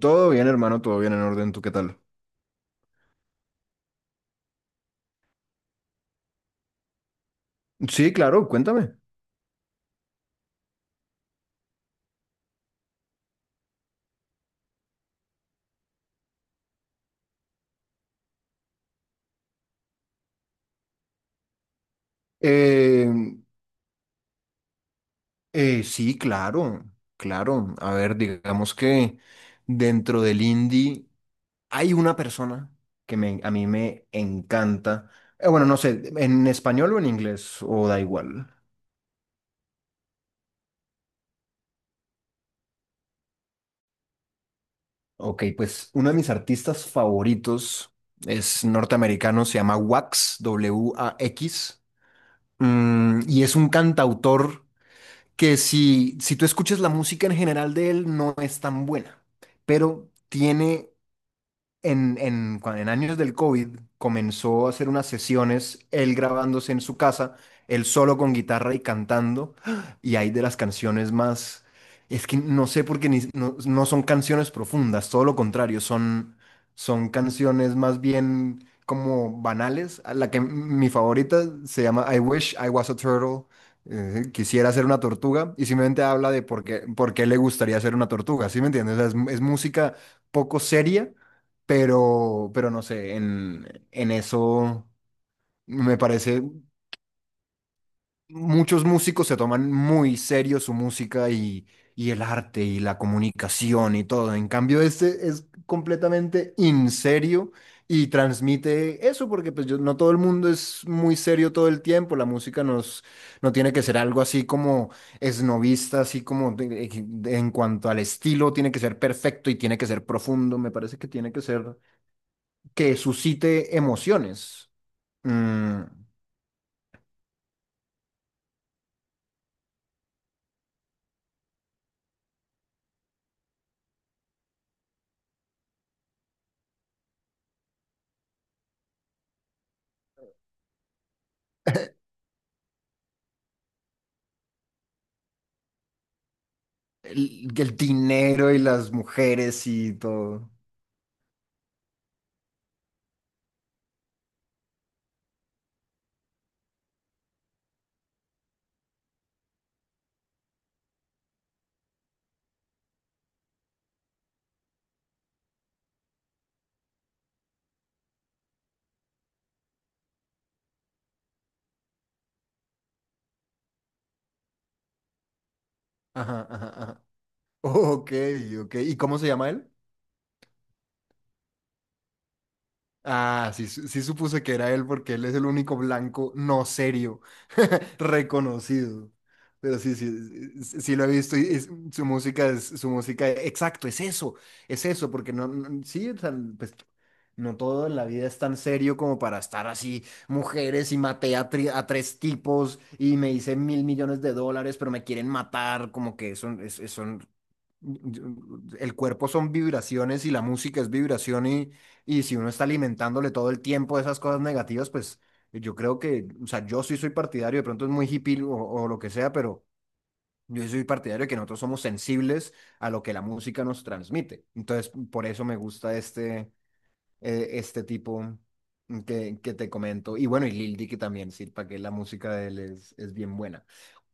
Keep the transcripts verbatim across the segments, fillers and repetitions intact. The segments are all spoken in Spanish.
Todo bien, hermano, todo bien en orden. ¿Tú qué tal? Sí, claro, cuéntame. Eh, eh, sí, claro, claro. A ver, digamos que dentro del indie hay una persona que me, a mí me encanta. Eh, bueno, no sé, en español o en inglés, o da igual. Ok, pues uno de mis artistas favoritos es norteamericano, se llama Wax, W A X, mm, y es un cantautor. que si, si tú escuchas la música en general de él, no es tan buena, pero tiene en, en, cuan- en años del COVID comenzó a hacer unas sesiones, él grabándose en su casa, él solo con guitarra y cantando, y hay de las canciones más, es que no sé por qué ni- no, no son canciones profundas, todo lo contrario, son, son canciones más bien como banales. A La que mi favorita se llama I Wish I Was a Turtle. Eh, quisiera ser una tortuga y simplemente habla de por qué, por qué le gustaría ser una tortuga, ¿sí me entiendes? O sea, es es música poco seria, pero, pero no sé, en, en eso me parece, muchos músicos se toman muy serio su música y, y el arte y la comunicación y todo. En cambio, este es completamente in serio y transmite eso, porque pues yo- no todo el mundo es muy serio todo el tiempo. La música nos, no tiene que ser algo así como esnovista, así como de- de- en cuanto al estilo, tiene que ser perfecto y tiene que ser profundo. Me parece que tiene que ser que suscite emociones. Mm, el, el dinero y las mujeres y todo. Ajá, ajá, ajá. Ok, ok. ¿Y cómo se llama él? Ah, sí, su- sí supuse que era él porque él es el único blanco no serio reconocido. Pero sí, sí, sí sí lo he visto y es- su música es su música, exacto, es eso, es eso, porque no, no- sí, o sea, pues no todo en la vida es tan serio como para estar así, mujeres y maté a, tri- a tres tipos y me hice mil millones de dólares, pero me quieren matar, como que son, es- es- son, el cuerpo son vibraciones y la música es vibración y, y si uno está alimentándole todo el tiempo esas cosas negativas, pues yo creo que, o sea, yo sí soy partidario, de pronto es muy hippie o, o lo que sea, pero yo sí soy partidario de que nosotros somos sensibles a lo que la música nos transmite. Entonces, por eso me gusta este, eh, este tipo que, que te comento. Y bueno, y Lil Dicky también, sí, para que la música de él es, es bien buena.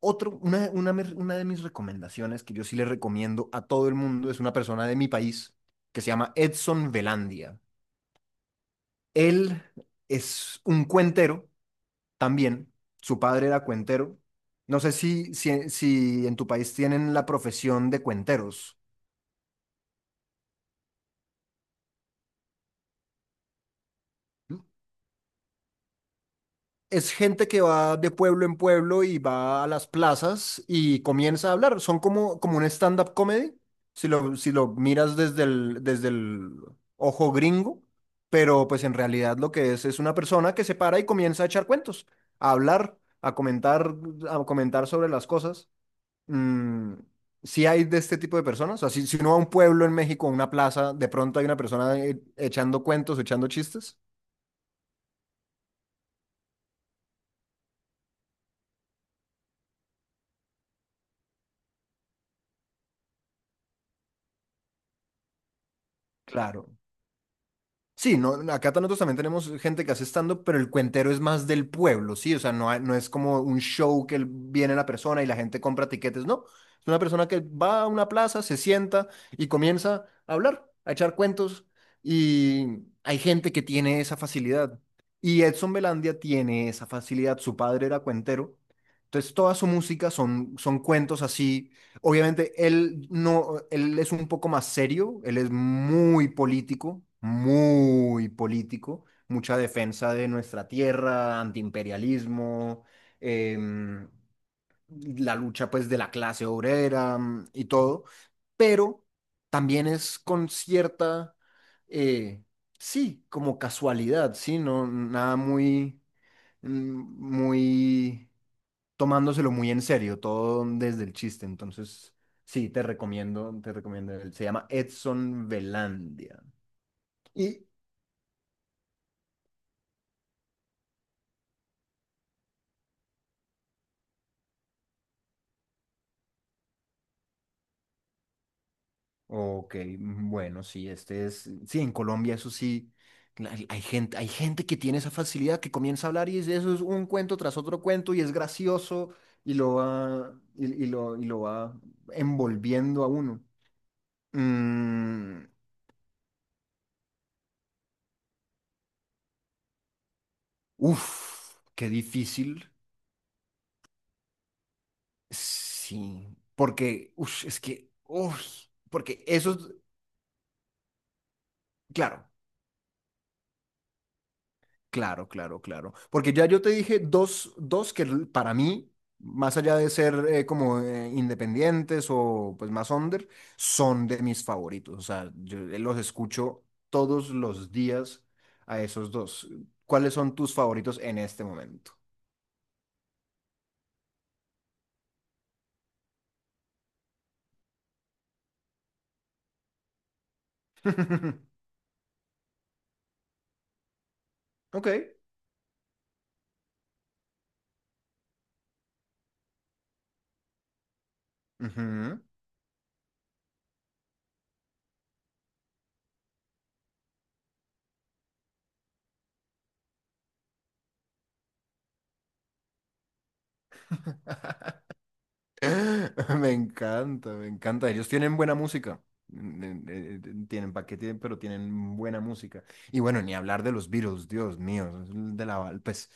Otro, una, una, me- Una de mis recomendaciones que yo sí le recomiendo a todo el mundo es una persona de mi país que se llama Edson Belandia. Él es un cuentero también, su padre era cuentero. No sé si, si, si en tu país tienen la profesión de cuenteros. Es gente que va de pueblo en pueblo y va a las plazas y comienza a hablar. Son como, como un stand-up comedy, si lo, si lo miras desde el, desde el ojo gringo, pero pues en realidad lo que es es una persona que se para y comienza a echar cuentos, a hablar, a comentar, a comentar sobre las cosas. Mm, sí hay de este tipo de personas. O sea, si, si uno va a un pueblo en México, a una plaza, de pronto hay una persona eh, echando cuentos, echando chistes. Claro, sí, no, acá ta- nosotros también tenemos gente que hace stand-up, pero el cuentero es más del pueblo, ¿sí? O sea, no, hay- no es como un show que el- viene la persona y la gente compra tiquetes, no. Es una persona que va a una plaza, se sienta y comienza a hablar, a echar cuentos. Y hay gente que tiene esa facilidad. Y Edson Belandia tiene esa facilidad. Su padre era cuentero. Entonces, toda su música son, son cuentos así. Obviamente, él no, él es un poco más serio, él es muy político, muy político, mucha defensa de nuestra tierra, antiimperialismo, em, la lucha pues de la clase obrera mm, y todo, pero también es con cierta, eh, sí, como casualidad, sí, no, nada muy, mm, muy tomándoselo muy en serio, todo desde el chiste. Entonces, sí, te recomiendo, te recomiendo él. Se llama Edson Belandia. Y, ok, bueno, sí, este es, sí, en Colombia eso sí, hay, hay gente, hay gente que tiene esa facilidad que comienza a hablar y dice, eso es un cuento tras otro cuento y es gracioso y lo va, y, y lo, y lo va envolviendo a uno. Mm, uf, qué difícil. Sí, porque, uff, es que, uff, porque eso es, claro, claro, claro, claro. Porque ya yo te dije dos, dos que l- para mí, más allá de ser eh, como eh, independientes o pues más under, son de mis favoritos. O sea, yo los escucho todos los días a esos dos. ¿Cuáles son tus favoritos en este momento? Ok. Ujú. Me encanta, me encanta. Ellos tienen buena música. Mm, eh, eh, Tienen paquete, pero tienen buena música. Y bueno, ni hablar de los Beatles, Dios mío. Es De la, pues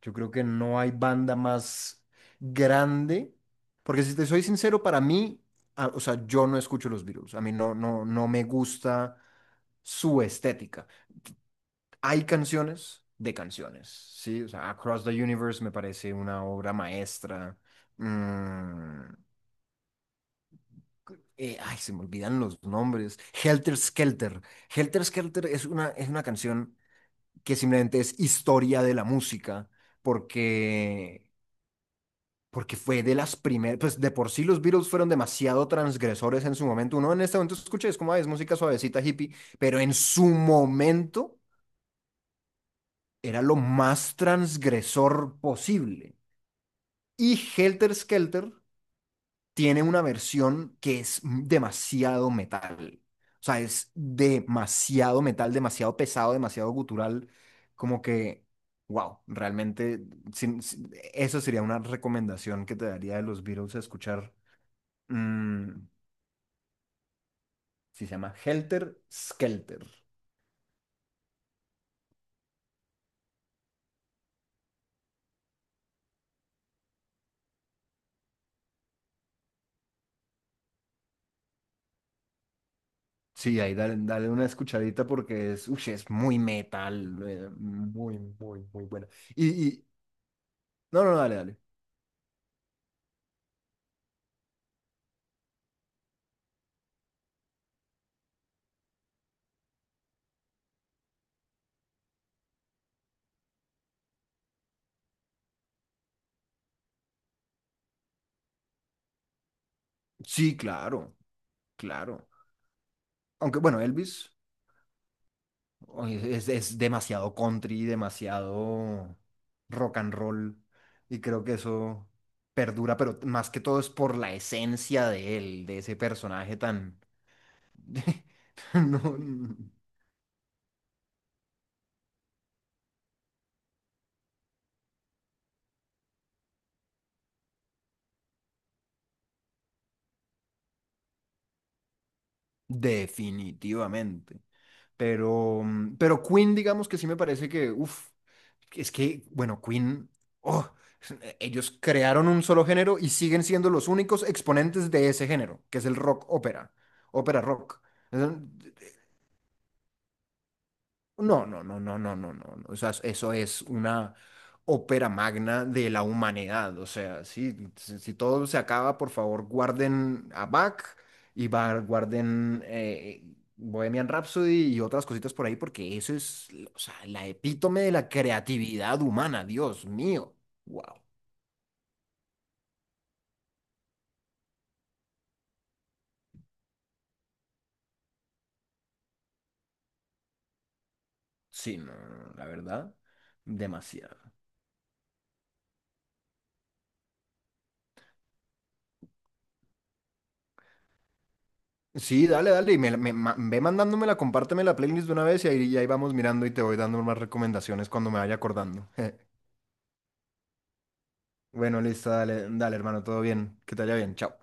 yo creo que no hay banda más grande. Porque si te soy sincero, para mí, a- o sea, yo no escucho los Beatles. A mí no, no, no me gusta su estética. Hay canciones de canciones, ¿sí? O sea, Across the Universe me parece una obra maestra. Mm, eh, Ay, se me olvidan los nombres. Helter Skelter. Helter Skelter es una, es una canción que simplemente es historia de la música, porque, porque fue de las primeras, pues de por sí los Beatles fueron demasiado transgresores en su momento. Uno en este momento escucha, y es como, "Ay, es música suavecita, hippie, pero en su momento era lo más transgresor posible". Y Helter Skelter tiene una versión que es demasiado metal. O sea, es demasiado metal, demasiado pesado, demasiado gutural. Como que, wow, realmente sin- sin- eso sería una recomendación que te daría de los Beatles a escuchar. Mm, sí, se llama Helter Skelter. Sí, ahí dale, dale una escuchadita porque es, uy, es muy metal, eh, muy, muy, muy buena. Y, y, no, no, dale, dale. Sí, claro, claro. Aunque bueno, Elvis. Oye, Es, es demasiado country, demasiado rock and roll. Y creo que eso perdura, pero más que todo es por la esencia de él, de ese personaje tan... No, definitivamente. Pero, mm, pero Queen, digamos que sí me parece que, uff, es que, bueno, Queen, oh, ellos crearon un solo género y siguen siendo los únicos exponentes de ese género, que es el rock ópera, ópera rock. No, no, no, no, no, no, no, no. O sea, eso es una ópera magna de la humanidad. O sea, sí, si, si todo se acaba, por favor, guarden a Bach y va- guarden eh, Bohemian Rhapsody y otras cositas por ahí, porque eso es, o sea, la epítome de la creatividad humana. Dios mío. Wow. Sí, no, no, no, la verdad, demasiado. Sí, dale, dale, y me, la- me ma- ve mandándomela, compárteme la playlist de una vez y ahí, y ahí vamos mirando y te voy dando más recomendaciones cuando me vaya acordando. Bueno, listo, dale, dale, hermano, todo bien, que te vaya bien, chao.